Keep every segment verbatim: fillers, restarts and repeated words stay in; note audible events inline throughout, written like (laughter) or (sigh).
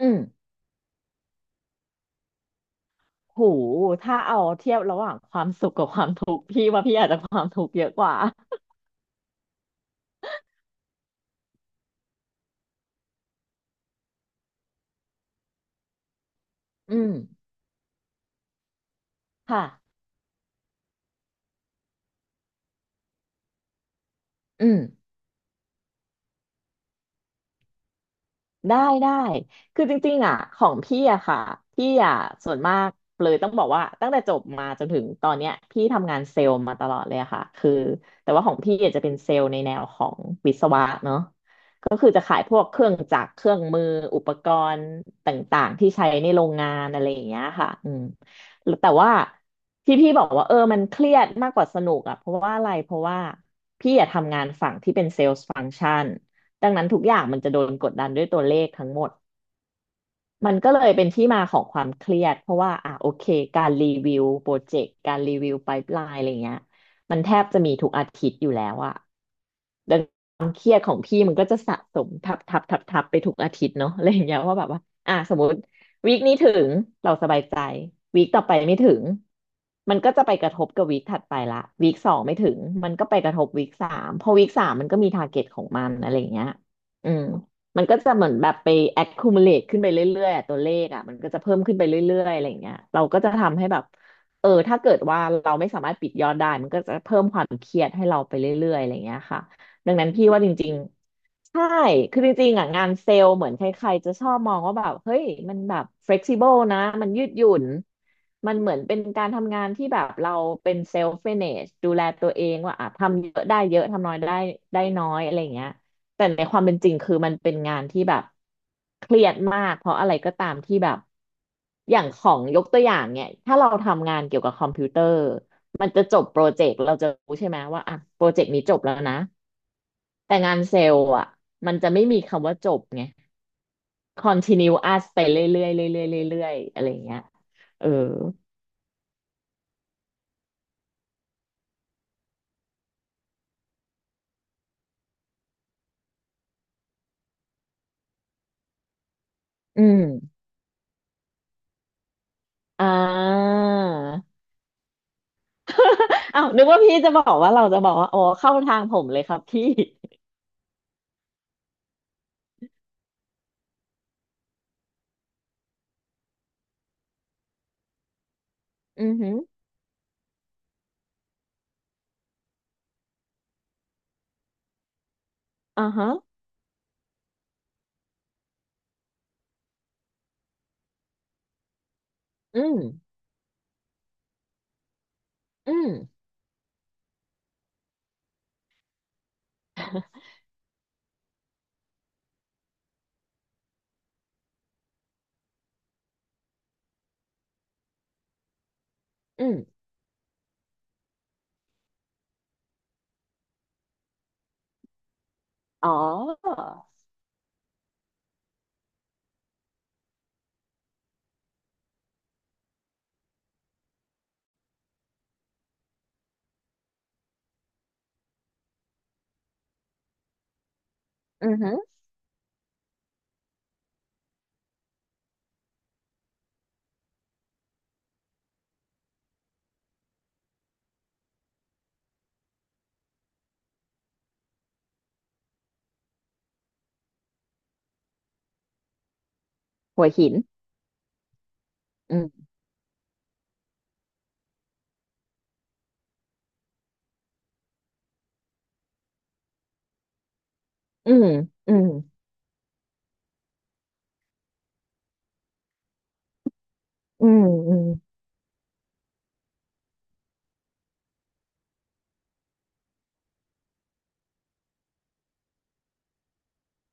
อืมโหถ้าเอาเทียบระหว่างความสุขกับความทุกข์พี่ว่าพี่อาจจะความทุกข์เยอะกว่าอืมค่ะอืมได้ได้คือจริงๆอ่ะของพี่อะค่ะพี่อะส่วนมากเลยต้องบอกว่าตั้งแต่จบมาจนถึงตอนเนี้ยพี่ทำงานเซลล์มาตลอดเลยอะค่ะคือแต่ว่าของพี่อาจจะเป็นเซลล์ในแนวของวิศวะเนอะ ก็คือจะขายพวกเครื่องจักรเครื่องมือ อุปกรณ์ต่างๆที่ใช้ในโรงงานอะไรอย่างเงี้ยค่ะอืมแล้วแต่ว่าที่พี่บอกว่าเออมันเครียดมากกว่าสนุกอ่ะเพราะว่าอะไร เพราะว่าพี่อยากทำงานฝั่งที่เป็นเซลส์ฟัง c t ชันดังนั้นทุกอย่างมันจะโดนกดดันด้วยตัวเลขทั้งหมด มันก็เลยเป็นที่มาของความเครียดเพราะว่าอ่ะโอเคการรีวิวโปรเจกต์การรีวิวไพป์ไลน์อะไรเงี้ยมันแทบจะมีทุกอาทิตย์อยู่แล้วอะดัง เครียดของพี่มันก็จะสะสมทับทับทับทับไปทุกอาทิตย์เนาะอะไรอย่างเงี้ยว่าแบบว่าอ่ะสมมติวีคนี้ถึงเราสบายใจวีคต่อไปไม่ถึงมันก็จะไปกระทบกับวีคถัดไปละวีคสองไม่ถึงมันก็ไปกระทบวีคสามพอวีคสามมันก็มีทาร์เก็ตของมันอะไรอย่างเงี้ยอืมมันก็จะเหมือนแบบไป accumulate ขึ้นไปเรื่อยๆอะตัวเลขอ่ะมันก็จะเพิ่มขึ้นไปเรื่อยๆอะไรอย่างเงี้ยเราก็จะทำให้แบบเออถ้าเกิดว่าเราไม่สามารถปิดยอดได้มันก็จะเพิ่มความเครียดให้เราไปเรื่อยๆอะไรอย่างเงี้ยค่ะ ดังนั้นพี่ว่าจริงๆใช่คือจริงๆอ่ะงานเซลล์เหมือนใครๆจะชอบมองว่าแบบเฮ้ยมันแบบ flexible นะมันยืดหยุ่นมันเหมือนเป็นการทำงานที่แบบเราเป็น self manage ดูแลตัวเองว่าอ่ะทำเยอะได้เยอะทำน้อยได้ได้น้อยอะไรอย่างเงี้ยแต่ในความเป็นจริงคือมันเป็นงานที่แบบเครียดมากเพราะอะไรก็ตามที่แบบอย่างของยกตัวอย่างเนี่ยถ้าเราทำงานเกี่ยวกับคอมพิวเตอร์มันจะจบโปรเจกต์เราจะรู้ใช่ไหมว่าอ่ะโปรเจกต์นี้จบแล้วนะ แต่งานเซลล์อ่ะมันจะไม่มีคำว่าจบไง continue us ไปเรื่อยๆเรื่อยๆเรื่อยๆอะไรอย่างเงี้ยเอออืมอ่า (laughs) อ้าวนึกว่าพี่จะบอกว่าเราจะบอกว่าอ๋อเข้าทางผมเลยครับพี่อือหืออ่าฮะอืมอืมอืมอ๋ออือหือหัวหินอืมอืมอืมอืมอืม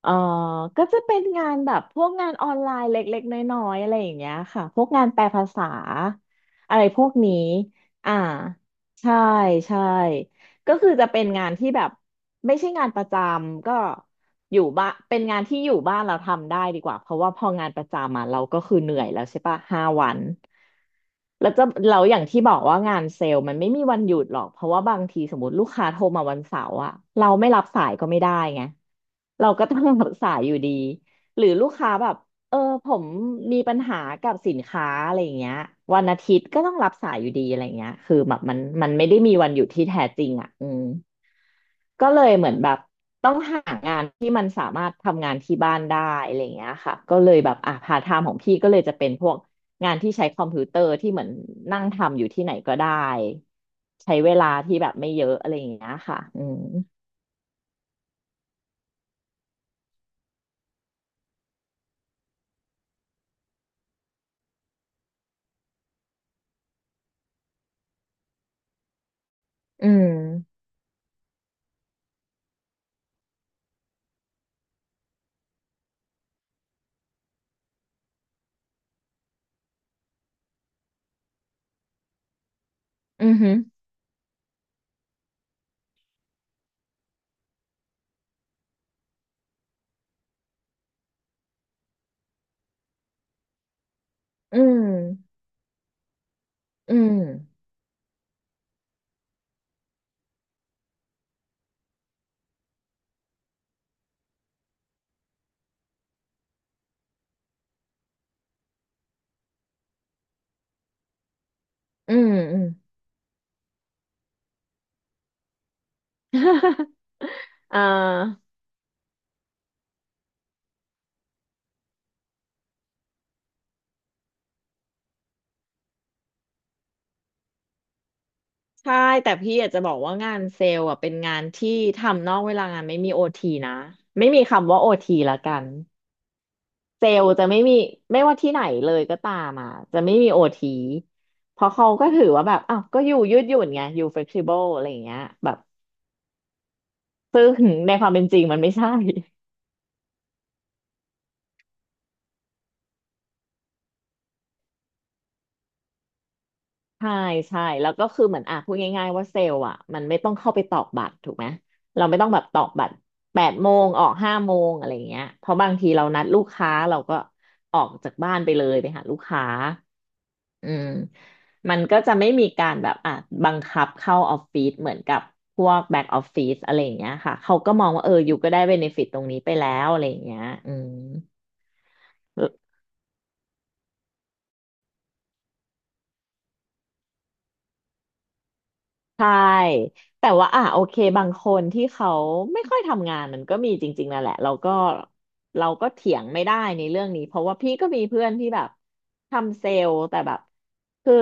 เออก็จะเป็นงานแบบพวกงานออนไลน์เล็กๆน้อยๆอะไรอย่างเงี้ยค่ะ พวกงานแปลภาษาอะไรพวกนี้ อ่าใช่ใช่ ก็คือจะเป็นงานที่แบบไม่ใช่งานประจำก็อยู่บ้านเป็นงานที่อยู่บ้านเราทำได้ดีกว่าเพราะว่าพองานประจำมาเราก็คือเหนื่อยแล้วใช่ปะห้าวันแล้วจะเราอย่างที่บอกว่างานเซลล์มันไม่มีวันหยุดหรอกเพราะว่าบางทีสมมติลูกค้าโทรมาวันเสาร์อะเราไม่รับสายก็ไม่ได้ไงเราก็ต้องรับสายอยู่ดีหรือลูกค้าแบบ เออผมมีปัญหากับสินค้าอะไรอย่างเงี้ยวันอาทิตย์ก็ต้องรับสายอยู่ดีอะไรอย่างเงี้ยคือแบบมันมันไม่ได้มีวันหยุดที่แท้จริงอ่ะอืมก็เลยเหมือนแบบต้องหางานที่มันสามารถทำงานที่บ้านได้อะไรอย่างเงี้ยค่ะก็เลยแบบอ่ะพาร์ทไทม์ของพี่ก็เลยจะเป็นพวกงานที่ใช้คอมพิวเตอร์ที่เหมือนนั่งทำอยู่ที่ไหนก็ได้ใช้เวลาที่แบบไม่เยอะอะไรอย่างเงี้ยค่ะอืมอืมอือหืออืมอืมอืมอืม (laughs) อ่าใช่แต่พี่อยากจะบอกว่างานเซลล์อ่ะเป็นงานที่ทำนอกเวลางานไม่มีโอทีนะไม่มีคำว่าโอทีละกันเซลล์จะไม่มีไม่ว่าที่ไหนเลยก็ตามอ่ะจะไม่มีโอทีเพราะเขาก็ถือว่าแบบอ้าวก็อยู่ยืดหยุ่นไงอยู่เฟ e ซิเบิลอะไรอย่างเงี้ยแบบซึ่ง (laughs) ในความเป็นจริงมันไม่ใช่ ใช่ใช่แล้วก็คือเหมือนอ่ะพูดง่ายๆว่าเซลล์อ่ะมันไม่ต้องเข้าไปตอกบัตรถูกไหมเราไม่ต้องแบบตอกบัตรแปดโมงออกห้าโมงอะไรอย่างเงี้ยเพราะบางทีเรานัดลูกค้าเราก็ออกจากบ้านไปเลยไปหาลูกค้าอืมมันก็จะไม่มีการแบบอ่ะบังคับเข้าออฟฟิศเหมือนกับพวกแบ็กออฟฟิศอะไรอย่างเงี้ยค่ะเขาก็มองว่าเอออยู่ก็ได้เบเนฟิตตรงนี้ไปแล้วอะไรอย่างเงี้ยอืม ใช่แต่ว่าอ่ะโอเคบางคนที่เขาไม่ค่อยทำงานมันก็มีจริงๆนั่นแหละเราก็เราก็เถียงไม่ได้ในเรื่องนี้เพราะว่าพี่ก็มีเพื่อนที่แบบทำเซลล์แต่แบบคือ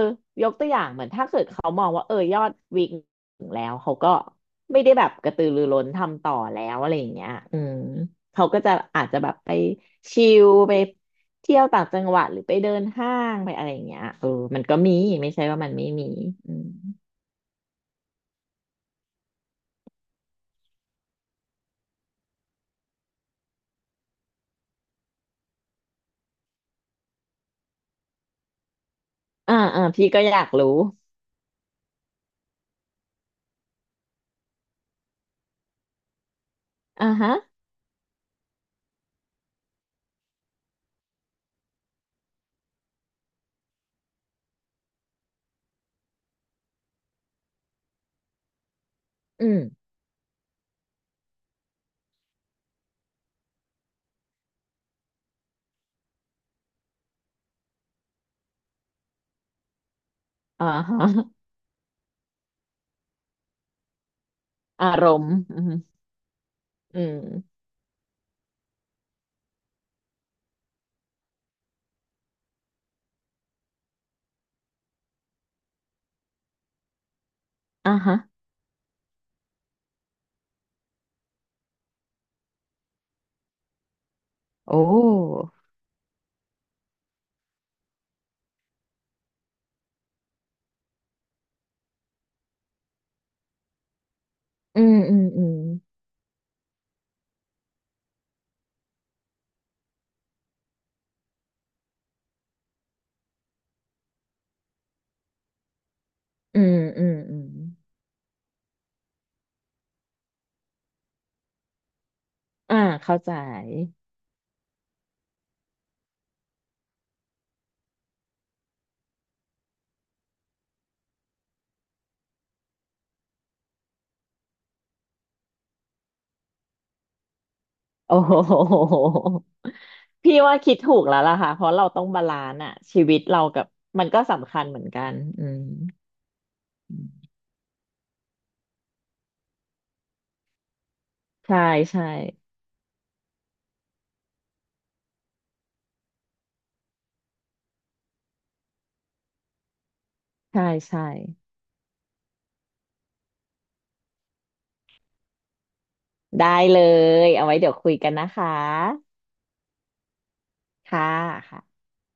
ยกตัวอย่างเหมือนถ้าเกิดเขามองว่าเออยอดวิกถึงแล้วเขาก็ไม่ได้แบบกระตือรือร้นทำต่อแล้วอะไรอย่างเงี้ยอืมเขาก็จะอาจจะแบบไปชิลไปเที่ยวต่างจังหวัดหรือไปเดินห้างไปอะไรอย่างเงี้ยเออมันก็มีไม่ใช่ว่ามันไม่มีอืม อ่าอ่าพี่ก็อยากรู้อ่าฮะอืมอ่าฮะอารมณ์อืมอืมอ่าฮะโอ้อืมอืมอืมอืมอืมอืมอ่าเข้าใจโอ้ (laughs) โหพี่ว่าคิดถูกแล้วล่ะค่ะเพราะเราต้องบาลานซ์อะชีวิตเรากับมันก็สำคัญเหมือนกันอืมอืมใช่ใช่ใช่ใช่ได้เลยเอาไว้เดี๋ยวคุยกันนะคะค่ะค่ะ